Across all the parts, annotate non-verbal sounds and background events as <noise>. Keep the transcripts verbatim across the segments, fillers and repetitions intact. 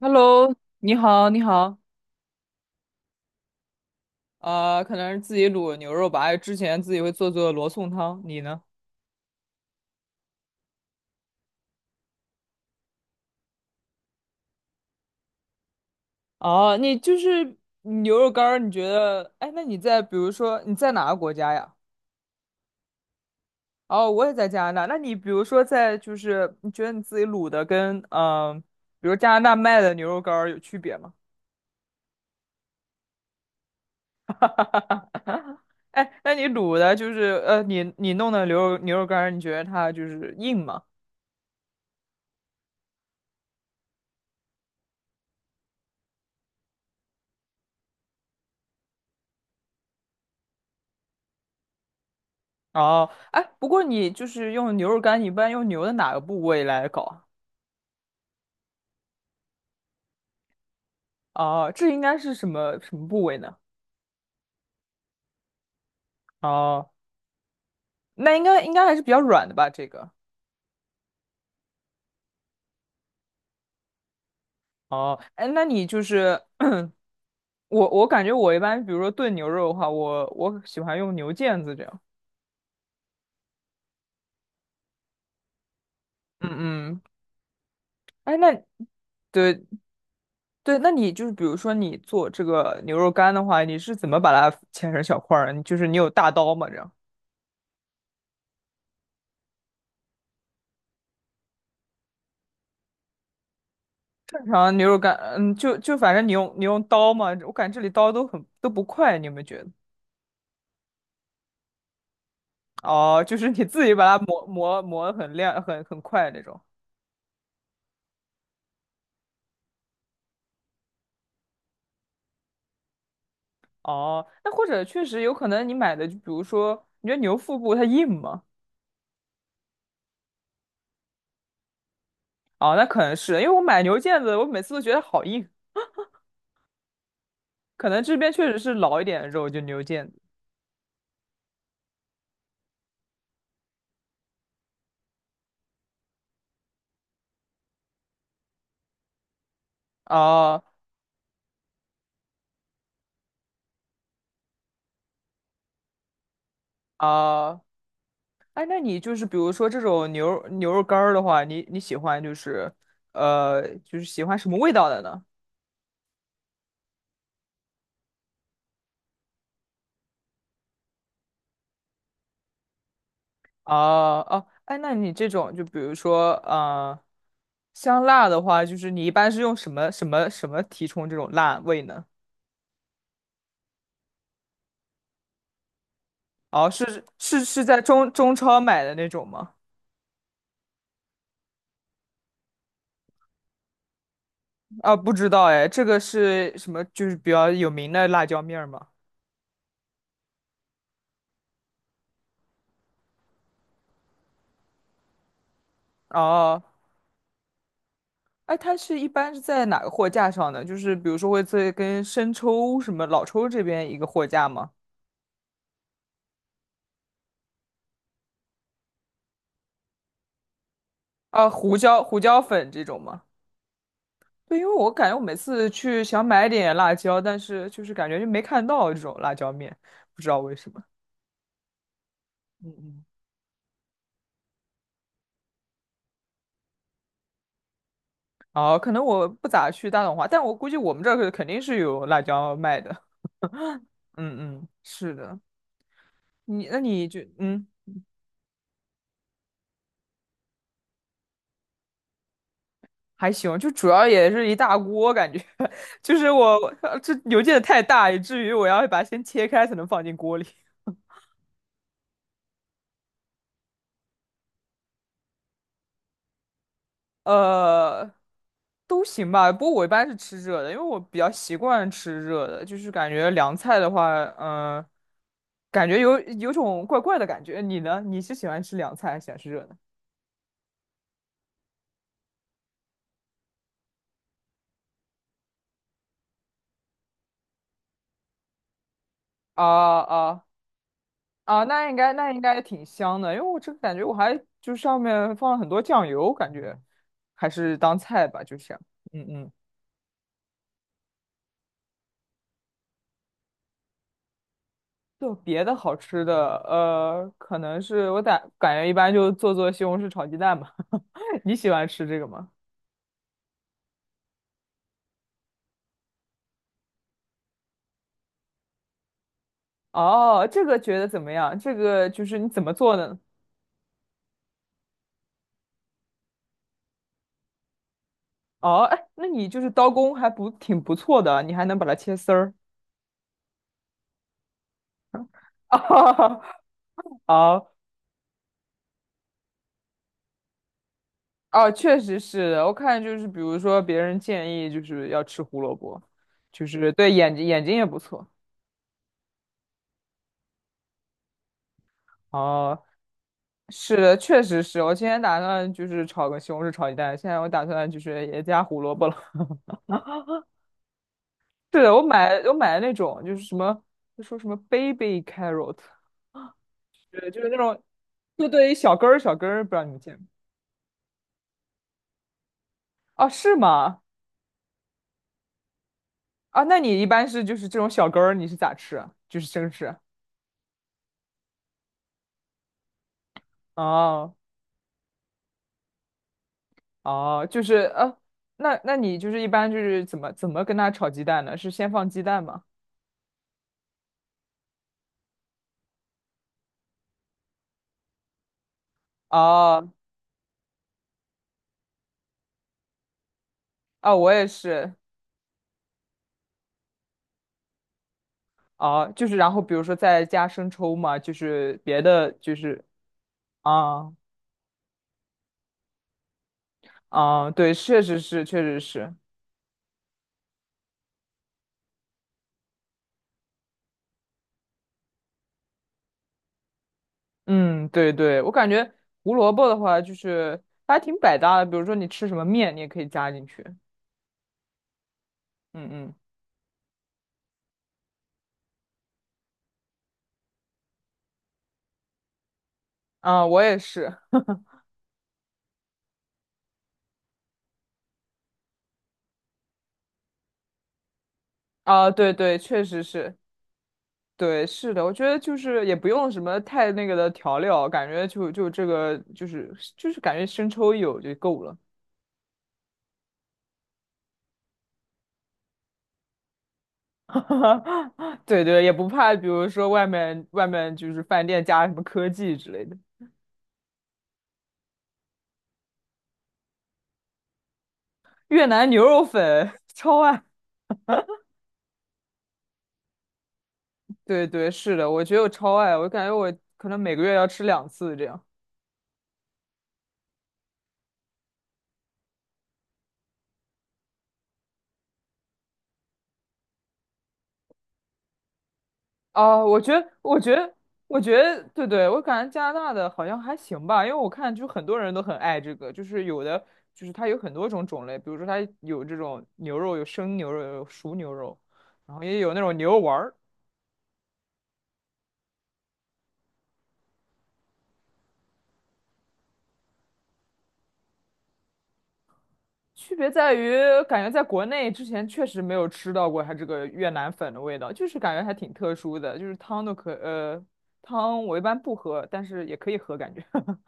Hello，你好，你好，呃，可能是自己卤牛肉吧，之前自己会做做罗宋汤，你呢？哦，你就是牛肉干儿，你觉得，哎，那你在比如说你在哪个国家呀？哦，我也在加拿大。那你比如说在就是你觉得你自己卤的跟嗯、呃比如加拿大卖的牛肉干儿有区别吗？<laughs> 哎，那你卤的就是呃，你你弄的牛肉牛肉干儿你觉得它就是硬吗？哦，哎，不过你就是用牛肉干，你一般用牛的哪个部位来搞啊？哦，这应该是什么什么部位呢？哦，那应该应该还是比较软的吧？这个。哦，哎，那你就是我，我感觉我一般，比如说炖牛肉的话，我我喜欢用牛腱子这样。嗯嗯，哎，那对对，那你就是比如说你做这个牛肉干的话，你是怎么把它切成小块儿？你就是你有大刀吗？这样？然后牛肉干，嗯，就就反正你用你用刀嘛，我感觉这里刀都很都不快，你有没有觉得？哦，就是你自己把它磨磨磨得很亮，很很快那种。哦，那或者确实有可能你买的，就比如说，你觉得牛腹部它硬吗？哦，那可能是因为我买牛腱子，我每次都觉得好硬，可能这边确实是老一点的肉，就牛腱子。啊啊，哎，那你就是比如说这种牛牛肉干儿的话，你你喜欢就是呃就是喜欢什么味道的呢？哦哦，哎，那你这种就比如说，呃，香辣的话，就是你一般是用什么什么什么提充这种辣味呢？哦，是是是在中中超买的那种吗？啊，不知道哎，这个是什么？就是比较有名的辣椒面儿吗？哦，哎，它是一般是在哪个货架上呢？就是比如说会在跟生抽什么老抽这边一个货架吗？啊，胡椒胡椒粉这种吗？对，因为我感觉我每次去想买点辣椒，但是就是感觉就没看到这种辣椒面，不知道为什么。嗯嗯。哦，可能我不咋去大董华，但我估计我们这儿可肯定是有辣椒卖的。嗯嗯，是的，你那你就嗯还行，就主要也是一大锅，感觉 <laughs> 就是我呃这邮件太大，以至于我要把它先切开才能放进锅里。呃，都行吧。不过我一般是吃热的，因为我比较习惯吃热的，就是感觉凉菜的话，嗯、感觉有有种怪怪的感觉。你呢？你是喜欢吃凉菜还是喜欢吃热的？啊啊啊！那应该那应该挺香的，因为我这个感觉我还就上面放了很多酱油，感觉还是当菜吧，就这样。嗯嗯。就别的好吃的，呃，可能是我感感觉一般就做做西红柿炒鸡蛋吧。<laughs> 你喜欢吃这个吗？哦，这个觉得怎么样？这个就是你怎么做呢？哦，哎，那你就是刀工还不挺不错的，你还能把它切丝儿。<laughs> 哦哦，哦确实是的我看就是，比如说别人建议就是要吃胡萝卜，就是对眼睛眼睛也不错。哦，是的，确实是。我今天打算就是炒个西红柿炒鸡蛋，现在我打算就是也加胡萝卜了。<laughs> 是的我买我买的那种就是什么，就说什么 baby carrot。对，就是那种对对，小根儿小根儿，不知道你们见没？哦，是吗？啊，那你一般是就是这种小根儿，你是咋吃啊就是生吃？哦哦，就是呃，那那你就是一般就是怎么怎么跟它炒鸡蛋呢？是先放鸡蛋吗？哦哦，我也是。哦，就是然后比如说再加生抽嘛，就是别的就是啊啊，对，确实是确实是，嗯，对对，我感觉胡萝卜的话就是它还挺百搭的，比如说你吃什么面，你也可以加进去。嗯嗯，啊，我也是，啊，对对，确实是，对，是的，我觉得就是也不用什么太那个的调料，感觉就就这个就是就是感觉生抽一有就够了，<laughs> 对对，也不怕，比如说外面外面就是饭店加什么科技之类的，越南牛肉粉 <laughs> 超爱，对对，是的，我觉得我超爱，我感觉我可能每个月要吃两次这样。哦，我觉得，我觉得，我觉得，对对，我感觉加拿大的好像还行吧，因为我看就很多人都很爱这个，就是有的就是它有很多种种类，比如说它有这种牛肉，有生牛肉，有熟牛肉，然后也有那种牛肉丸儿。区别在于，感觉在国内之前确实没有吃到过它这个越南粉的味道，就是感觉还挺特殊的，就是汤都可，呃，汤我一般不喝，但是也可以喝，感觉。<laughs>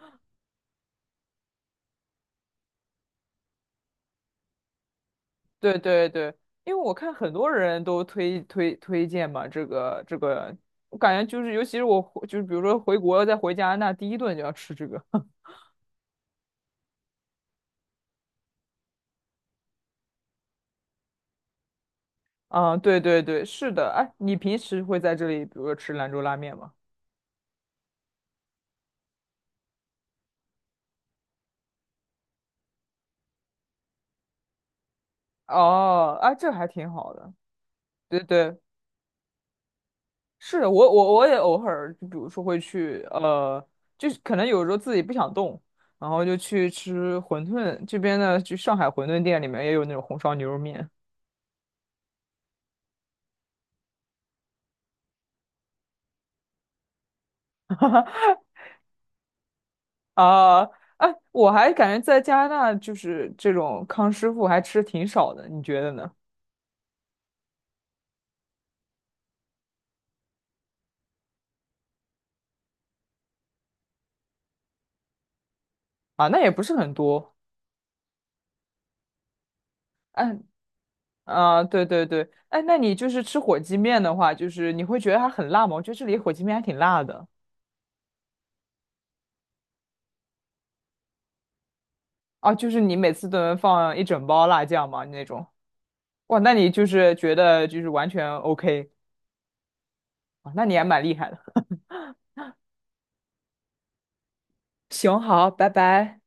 对对对，因为我看很多人都推推推荐嘛，这个这个，我感觉就是，尤其是我回就是比如说回国再回加拿大，第一顿就要吃这个。<laughs> 啊，对对对，是的。哎，你平时会在这里，比如说吃兰州拉面吗？哦，哎，这还挺好的。对对，是的，我我我也偶尔，就比如说会去，呃，就是可能有时候自己不想动，然后就去吃馄饨。这边呢，就上海馄饨店里面也有那种红烧牛肉面。<laughs> 啊，哎，我还感觉在加拿大就是这种康师傅还吃挺少的，你觉得呢？啊，那也不是很多。哎，啊，对对对，哎，那你就是吃火鸡面的话，就是你会觉得它很辣吗？我觉得这里火鸡面还挺辣的。啊，就是你每次都能放一整包辣酱吗？那种。哇，那你就是觉得就是完全 OK 啊，那你还蛮厉害的。<laughs> 行，好，拜拜。